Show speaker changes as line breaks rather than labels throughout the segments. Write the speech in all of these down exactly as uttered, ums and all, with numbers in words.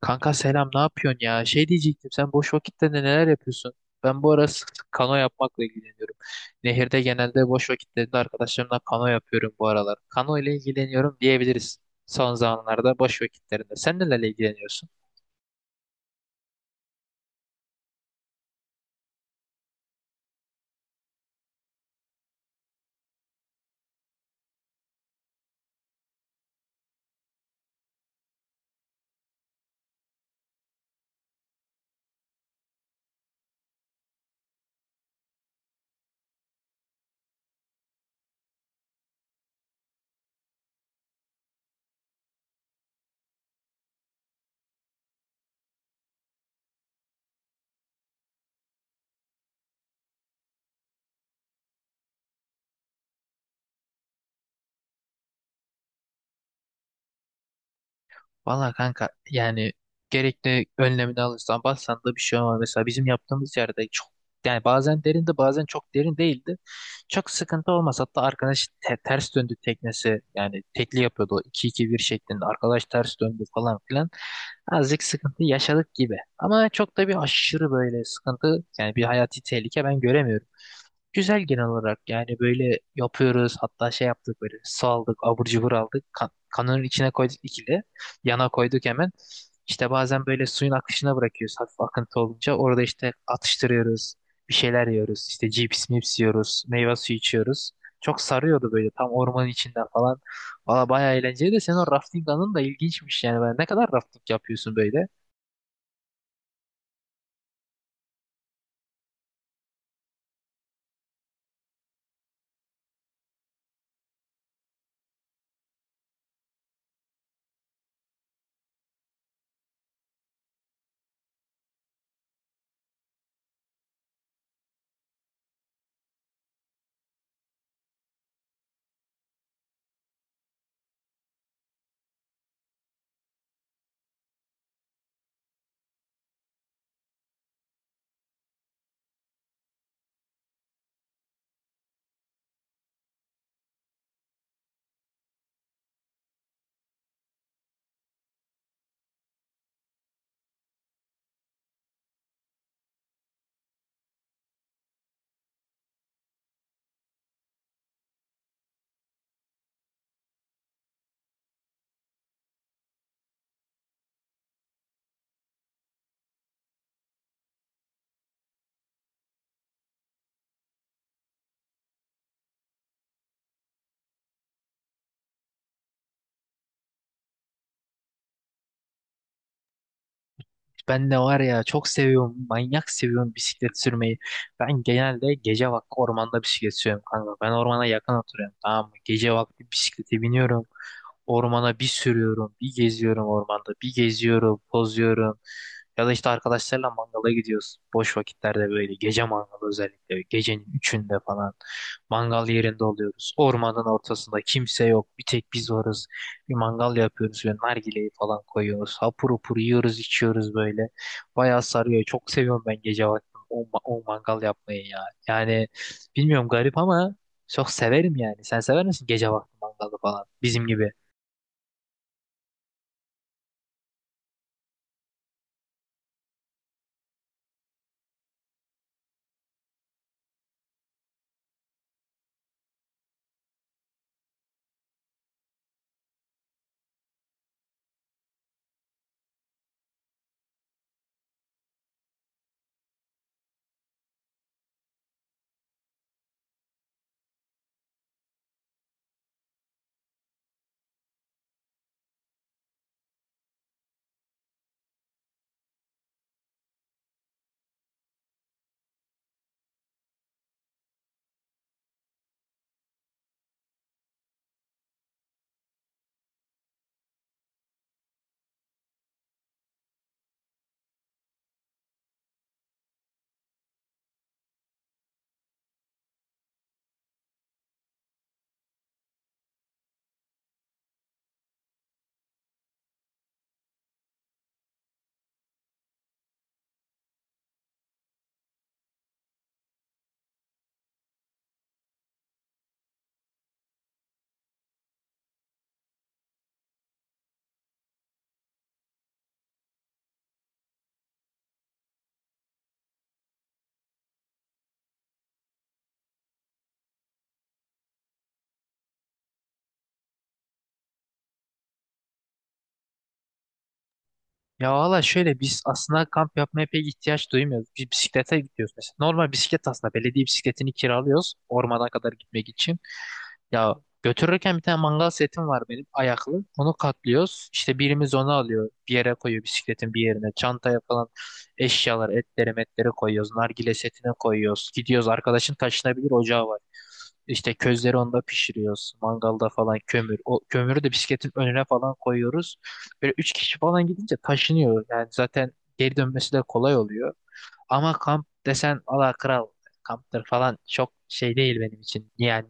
Kanka selam, ne yapıyorsun ya? Şey diyecektim, sen boş vakitte neler yapıyorsun? Ben bu ara sık sık kano yapmakla ilgileniyorum. Nehirde genelde boş vakitlerinde arkadaşlarımla kano yapıyorum bu aralar. Kano ile ilgileniyorum diyebiliriz son zamanlarda boş vakitlerinde. Sen nelerle ilgileniyorsun? Valla kanka, yani gerekli önlemini alırsan bassan da bir şey olmaz. Mesela bizim yaptığımız yerde çok, yani bazen derindi bazen çok derin değildi. Çok sıkıntı olmaz. Hatta arkadaş te- ters döndü teknesi, yani tekli yapıyordu iki iki bir şeklinde. Arkadaş ters döndü falan filan. Azıcık sıkıntı yaşadık gibi. Ama çok da bir aşırı böyle sıkıntı, yani bir hayati tehlike ben göremiyorum. Güzel genel olarak, yani böyle yapıyoruz. Hatta şey yaptık, böyle su aldık, abur cubur aldık, kan kanının içine koyduk, ikili yana koyduk hemen. İşte bazen böyle suyun akışına bırakıyoruz, hafif akıntı olunca orada işte atıştırıyoruz, bir şeyler yiyoruz, işte cips mips yiyoruz, meyve suyu içiyoruz. Çok sarıyordu böyle, tam ormanın içinden falan. Valla bayağı eğlenceli. De senin o rafting anın da ilginçmiş yani. Ben, ne kadar rafting yapıyorsun böyle? Ben de var ya, çok seviyorum, manyak seviyorum bisiklet sürmeyi. Ben genelde gece vakti ormanda bisiklet sürüyorum kanka. Ben ormana yakın oturuyorum, tamam mı? Gece vakti bisiklete biniyorum. Ormana bir sürüyorum, bir geziyorum ormanda, bir geziyorum, pozuyorum. Ya da işte arkadaşlarla mangala gidiyoruz. Boş vakitlerde böyle gece mangalı, özellikle gecenin üçünde falan mangal yerinde oluyoruz. Ormanın ortasında kimse yok. Bir tek biz varız. Bir mangal yapıyoruz ve nargileyi falan koyuyoruz. Hapur hapur yiyoruz, içiyoruz böyle. Bayağı sarıyor. Çok seviyorum ben gece vakti o, ma- o mangal yapmayı ya. Yani bilmiyorum, garip ama çok severim yani. Sen sever misin gece vakti mangalı falan? Bizim gibi. Ya valla şöyle, biz aslında kamp yapmaya pek ihtiyaç duymuyoruz. Biz bisiklete gidiyoruz mesela. Normal bisiklet aslında, belediye bisikletini kiralıyoruz ormana kadar gitmek için. Ya götürürken bir tane mangal setim var benim, ayaklı. Onu katlıyoruz. İşte birimiz onu alıyor. Bir yere koyuyor, bisikletin bir yerine. Çantaya falan eşyalar, etleri, metleri koyuyoruz. Nargile setine koyuyoruz. Gidiyoruz, arkadaşın taşınabilir ocağı var. İşte közleri onda pişiriyoruz. Mangalda falan kömür. O kömürü de bisikletin önüne falan koyuyoruz. Böyle üç kişi falan gidince taşınıyor. Yani zaten geri dönmesi de kolay oluyor. Ama kamp desen, ala kral, kamptır falan çok şey değil benim için. Yani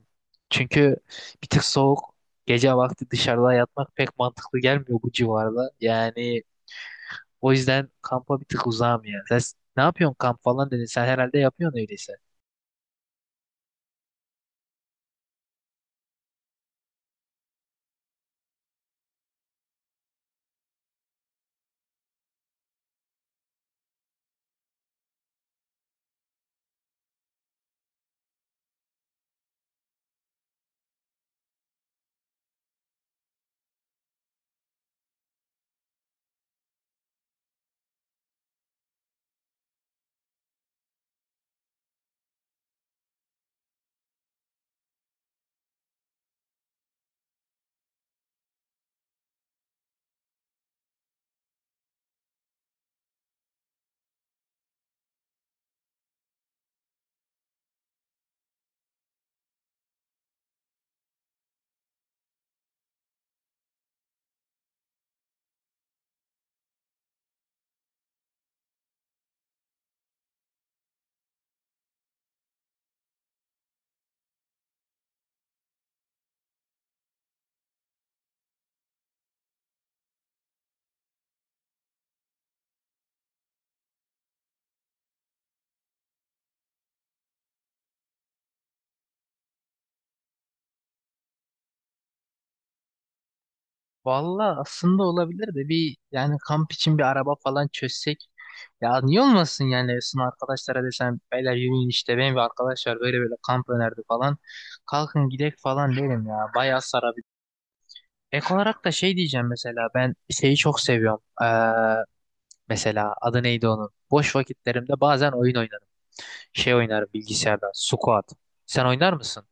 çünkü bir tık soğuk, gece vakti dışarıda yatmak pek mantıklı gelmiyor bu civarda. Yani o yüzden kampa bir tık uzağım ya. Sen s- ne yapıyorsun, kamp falan dedin. Sen herhalde yapıyorsun öyleyse. Valla aslında olabilir de, bir yani kamp için bir araba falan çözsek, ya niye olmasın yani? Sınıf arkadaşlara desem beyler yürüyün, işte benim bir arkadaş var, böyle böyle kamp önerdi falan, kalkın gidek falan derim ya, bayağı sarabilir. Ek olarak da şey diyeceğim, mesela ben şeyi çok seviyorum. Ee, mesela adı neydi onun? Boş vakitlerimde bazen oyun oynarım. Şey oynarım bilgisayarda. Squat. Sen oynar mısın?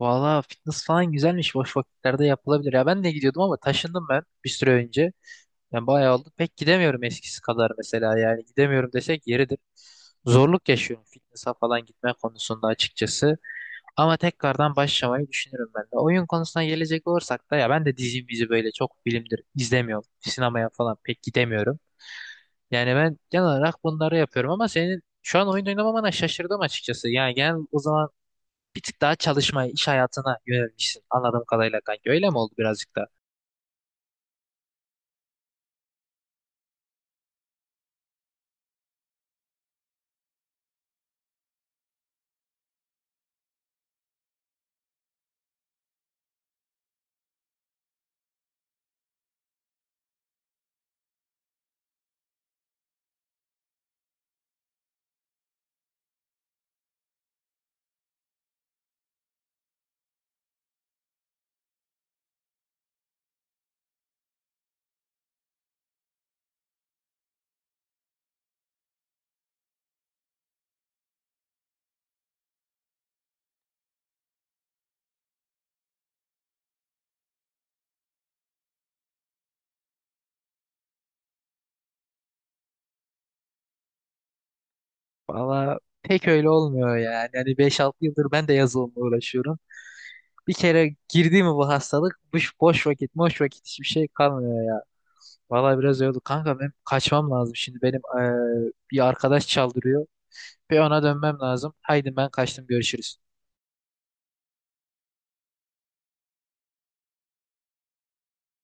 Valla fitness falan güzelmiş. Boş vakitlerde yapılabilir. Ya ben de gidiyordum ama taşındım ben bir süre önce. Yani bayağı oldu. Pek gidemiyorum eskisi kadar mesela. Yani gidemiyorum desek yeridir. Zorluk yaşıyorum fitness'a falan gitme konusunda açıkçası. Ama tekrardan başlamayı düşünürüm ben de. Oyun konusuna gelecek olursak da, ya ben de dizi mizi böyle çok bilimdir izlemiyorum. Sinemaya falan pek gidemiyorum. Yani ben genel olarak bunları yapıyorum, ama senin şu an oyun oynamamana şaşırdım açıkçası. Yani genel o zaman bir tık daha çalışmaya, iş hayatına yönelmişsin anladığım kadarıyla kanka. Öyle mi oldu birazcık da? Valla pek öyle olmuyor yani. Yani beş altı yıldır ben de yazılımla uğraşıyorum. Bir kere girdi mi bu hastalık, boş, boş vakit, boş vakit hiçbir şey kalmıyor. Vallahi biraz yoruldu. Kanka benim kaçmam lazım şimdi. Benim eee, bir arkadaş çaldırıyor ve ona dönmem lazım. Haydi ben kaçtım. Görüşürüz.